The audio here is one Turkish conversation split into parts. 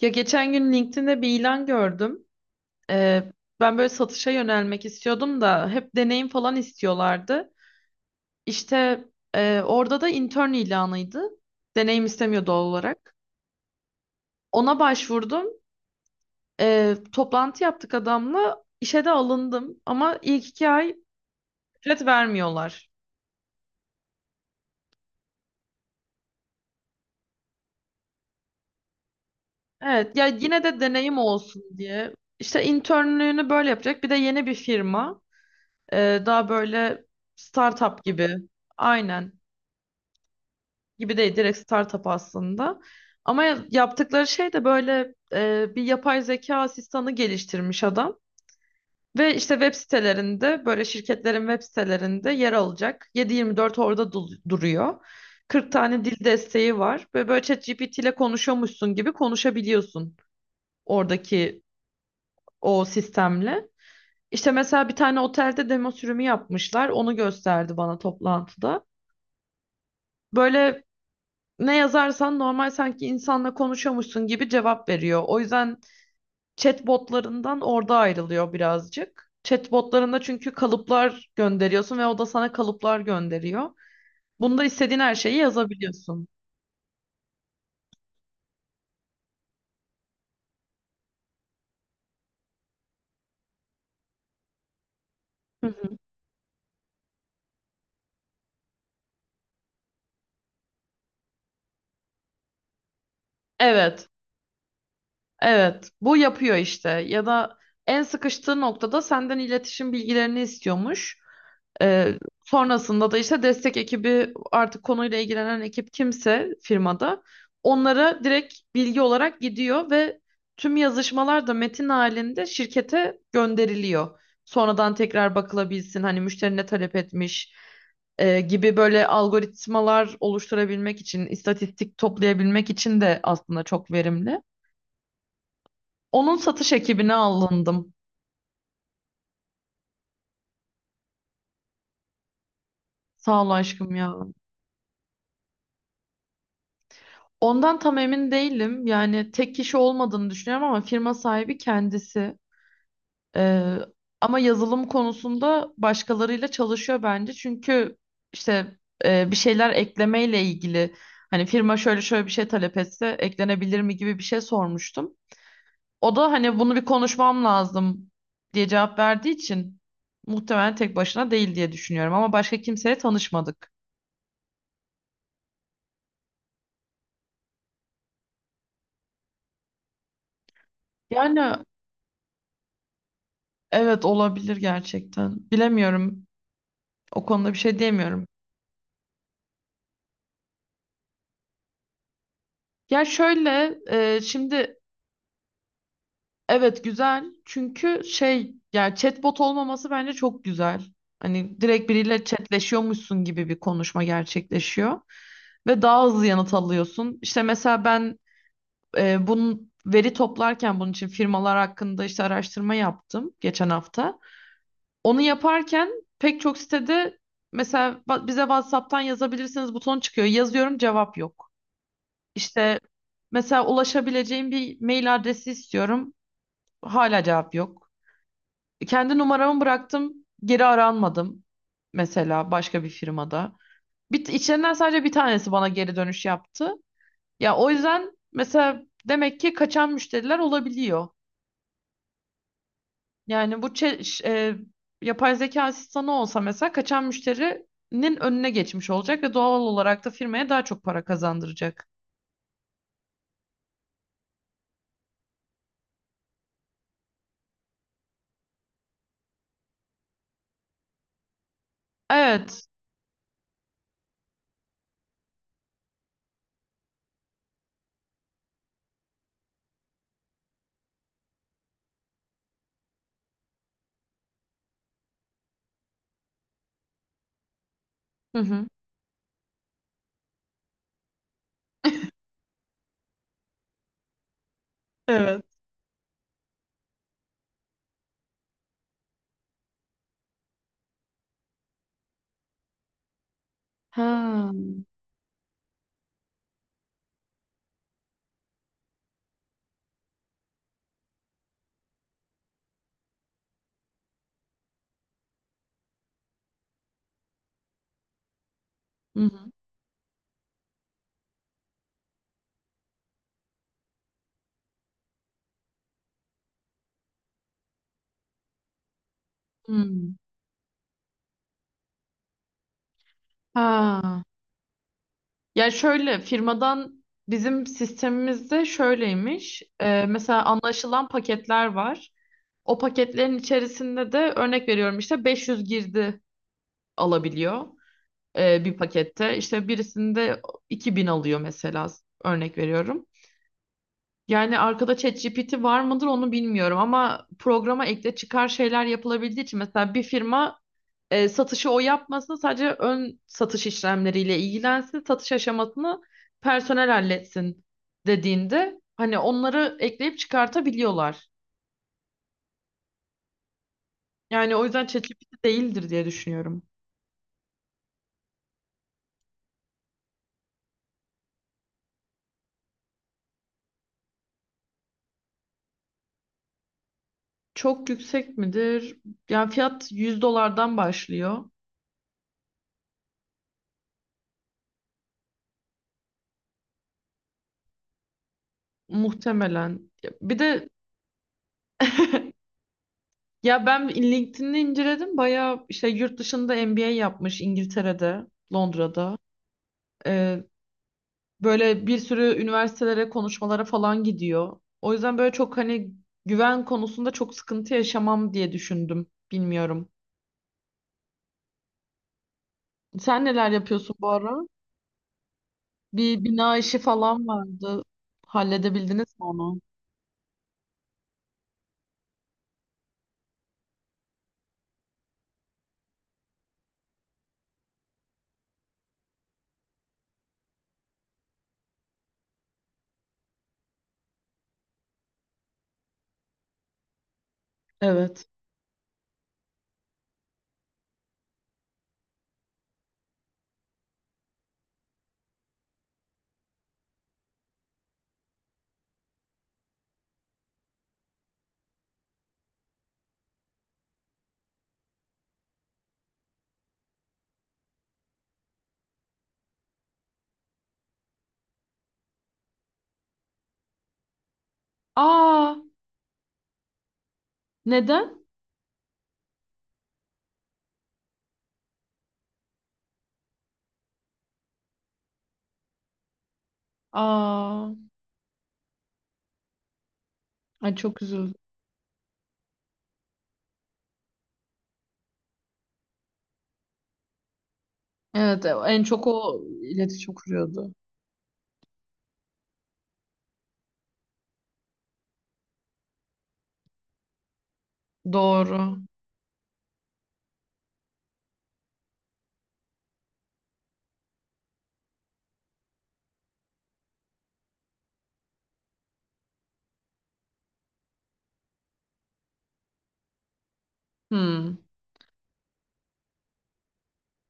Ya geçen gün LinkedIn'de bir ilan gördüm. Ee, ben böyle satışa yönelmek istiyordum da hep deneyim falan istiyorlardı. İşte orada da intern ilanıydı. Deneyim istemiyor doğal olarak. Ona başvurdum. Toplantı yaptık adamla. İşe de alındım ama ilk 2 ay ücret vermiyorlar. Evet ya, yine de deneyim olsun diye. İşte internlüğünü böyle yapacak. Bir de yeni bir firma. Daha böyle startup gibi. Aynen. Gibi değil, direkt startup aslında. Ama yaptıkları şey de böyle bir yapay zeka asistanı geliştirmiş adam. Ve işte web sitelerinde, böyle şirketlerin web sitelerinde yer alacak. 7-24 orada duruyor. 40 tane dil desteği var. Ve böyle ChatGPT ile konuşuyormuşsun gibi konuşabiliyorsun oradaki o sistemle. İşte mesela bir tane otelde demo sürümü yapmışlar. Onu gösterdi bana toplantıda. Böyle ne yazarsan, normal sanki insanla konuşuyormuşsun gibi cevap veriyor. O yüzden chatbotlarından orada ayrılıyor birazcık. Chatbotlarında çünkü kalıplar gönderiyorsun ve o da sana kalıplar gönderiyor. Bunda istediğin her şeyi yazabiliyorsun. Hı hı. Evet, evet. Bu yapıyor işte. Ya da en sıkıştığı noktada senden iletişim bilgilerini istiyormuş. Ee, sonrasında da işte destek ekibi, artık konuyla ilgilenen ekip kimse firmada, onlara direkt bilgi olarak gidiyor ve tüm yazışmalar da metin halinde şirkete gönderiliyor. Sonradan tekrar bakılabilsin hani, müşteri ne talep etmiş gibi, böyle algoritmalar oluşturabilmek için, istatistik toplayabilmek için de aslında çok verimli. Onun satış ekibine alındım. Sağ ol aşkım ya. Ondan tam emin değilim. Yani tek kişi olmadığını düşünüyorum ama firma sahibi kendisi. Ee, ama yazılım konusunda başkalarıyla çalışıyor bence. Çünkü işte bir şeyler eklemeyle ilgili, hani firma şöyle şöyle bir şey talep etse eklenebilir mi gibi bir şey sormuştum. O da hani bunu bir konuşmam lazım diye cevap verdiği için muhtemelen tek başına değil diye düşünüyorum ama başka kimseye tanışmadık. Yani evet, olabilir gerçekten. Bilemiyorum. O konuda bir şey diyemiyorum. Ya şöyle şimdi evet, güzel. Çünkü şey, yani chatbot olmaması bence çok güzel. Hani direkt biriyle chatleşiyormuşsun gibi bir konuşma gerçekleşiyor ve daha hızlı yanıt alıyorsun. İşte mesela ben bunun veri toplarken, bunun için firmalar hakkında işte araştırma yaptım geçen hafta. Onu yaparken pek çok sitede mesela bize WhatsApp'tan yazabilirsiniz butonu çıkıyor. Yazıyorum, cevap yok. İşte mesela ulaşabileceğim bir mail adresi istiyorum. Hala cevap yok. Kendi numaramı bıraktım. Geri aranmadım. Mesela başka bir firmada. Bir, içlerinden sadece bir tanesi bana geri dönüş yaptı. Ya o yüzden mesela, demek ki kaçan müşteriler olabiliyor. Yani bu yapay zeka asistanı olsa mesela kaçan müşterinin önüne geçmiş olacak ve doğal olarak da firmaya daha çok para kazandıracak. Evet. Hı hı. Evet. Ha. Hı hı. Hmm. Ha. Ya şöyle, firmadan bizim sistemimizde şöyleymiş. Mesela anlaşılan paketler var. O paketlerin içerisinde de, örnek veriyorum, işte 500 girdi alabiliyor bir pakette. İşte birisinde 2.000 alıyor mesela, örnek veriyorum. Yani arkada ChatGPT var mıdır onu bilmiyorum ama programa ekle çıkar şeyler yapılabildiği için, mesela bir firma satışı o yapmasın, sadece ön satış işlemleriyle ilgilensin, satış aşamasını personel halletsin dediğinde hani onları ekleyip çıkartabiliyorlar. Yani o yüzden ChatGPT değildir diye düşünüyorum. Çok yüksek midir? Yani fiyat 100 dolardan başlıyor muhtemelen. Bir de ya, ben LinkedIn'i inceledim. Bayağı işte yurt dışında MBA yapmış, İngiltere'de, Londra'da. Ee, Böyle bir sürü üniversitelere, konuşmalara falan gidiyor. O yüzden böyle çok, hani güven konusunda çok sıkıntı yaşamam diye düşündüm. Bilmiyorum. Sen neler yapıyorsun bu ara? Bir bina işi falan vardı. Halledebildiniz mi onu? Evet. Aa, neden? Aa, ay çok üzüldüm. Evet, en çok o iletişim kuruyordu. Doğru. Hmm.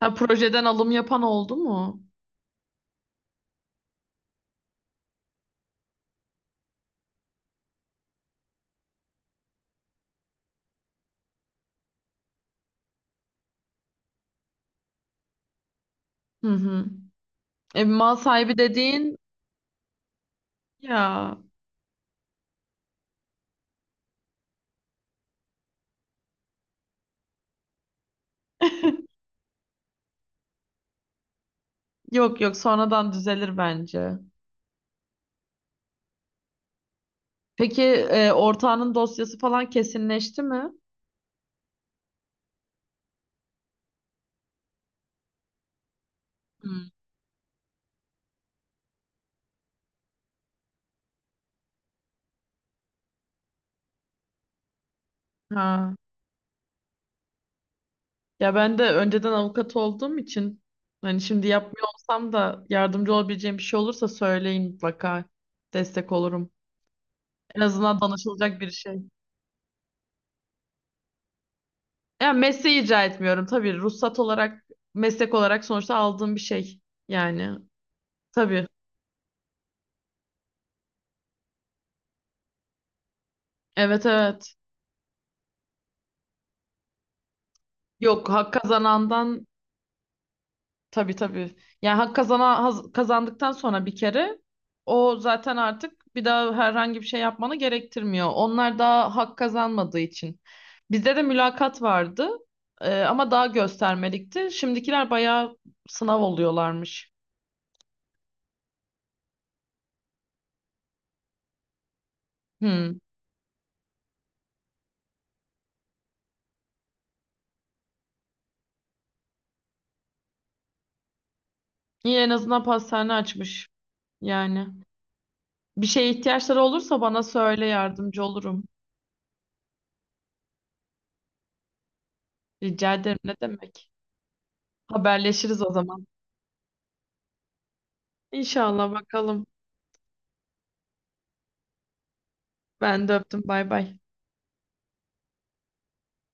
Ha, projeden alım yapan oldu mu? Hı hı. E, mal sahibi dediğin ya. Yok yok, sonradan düzelir bence. Peki ortağının dosyası falan kesinleşti mi? Hmm. Ha. Ya, ben de önceden avukat olduğum için, hani şimdi yapmıyor olsam da, yardımcı olabileceğim bir şey olursa söyleyin mutlaka. Destek olurum. En azından danışılacak bir şey. Ya mesleği icra etmiyorum tabii. Ruhsat olarak, meslek olarak sonuçta aldığım bir şey. Yani tabii. Evet, evet. Yok, hak kazanandan. Tabii, tabii. Yani hak kazana, kazandıktan sonra bir kere, o zaten artık bir daha herhangi bir şey yapmanı gerektirmiyor. Onlar daha hak kazanmadığı için. Bizde de mülakat vardı ama daha göstermelikti. Şimdikiler bayağı sınav oluyorlarmış. Hmm. Yine en azından pastane açmış yani. Bir şeye ihtiyaçları olursa bana söyle, yardımcı olurum. Rica ederim, ne demek. Haberleşiriz o zaman. İnşallah, bakalım. Ben de öptüm, bay bay.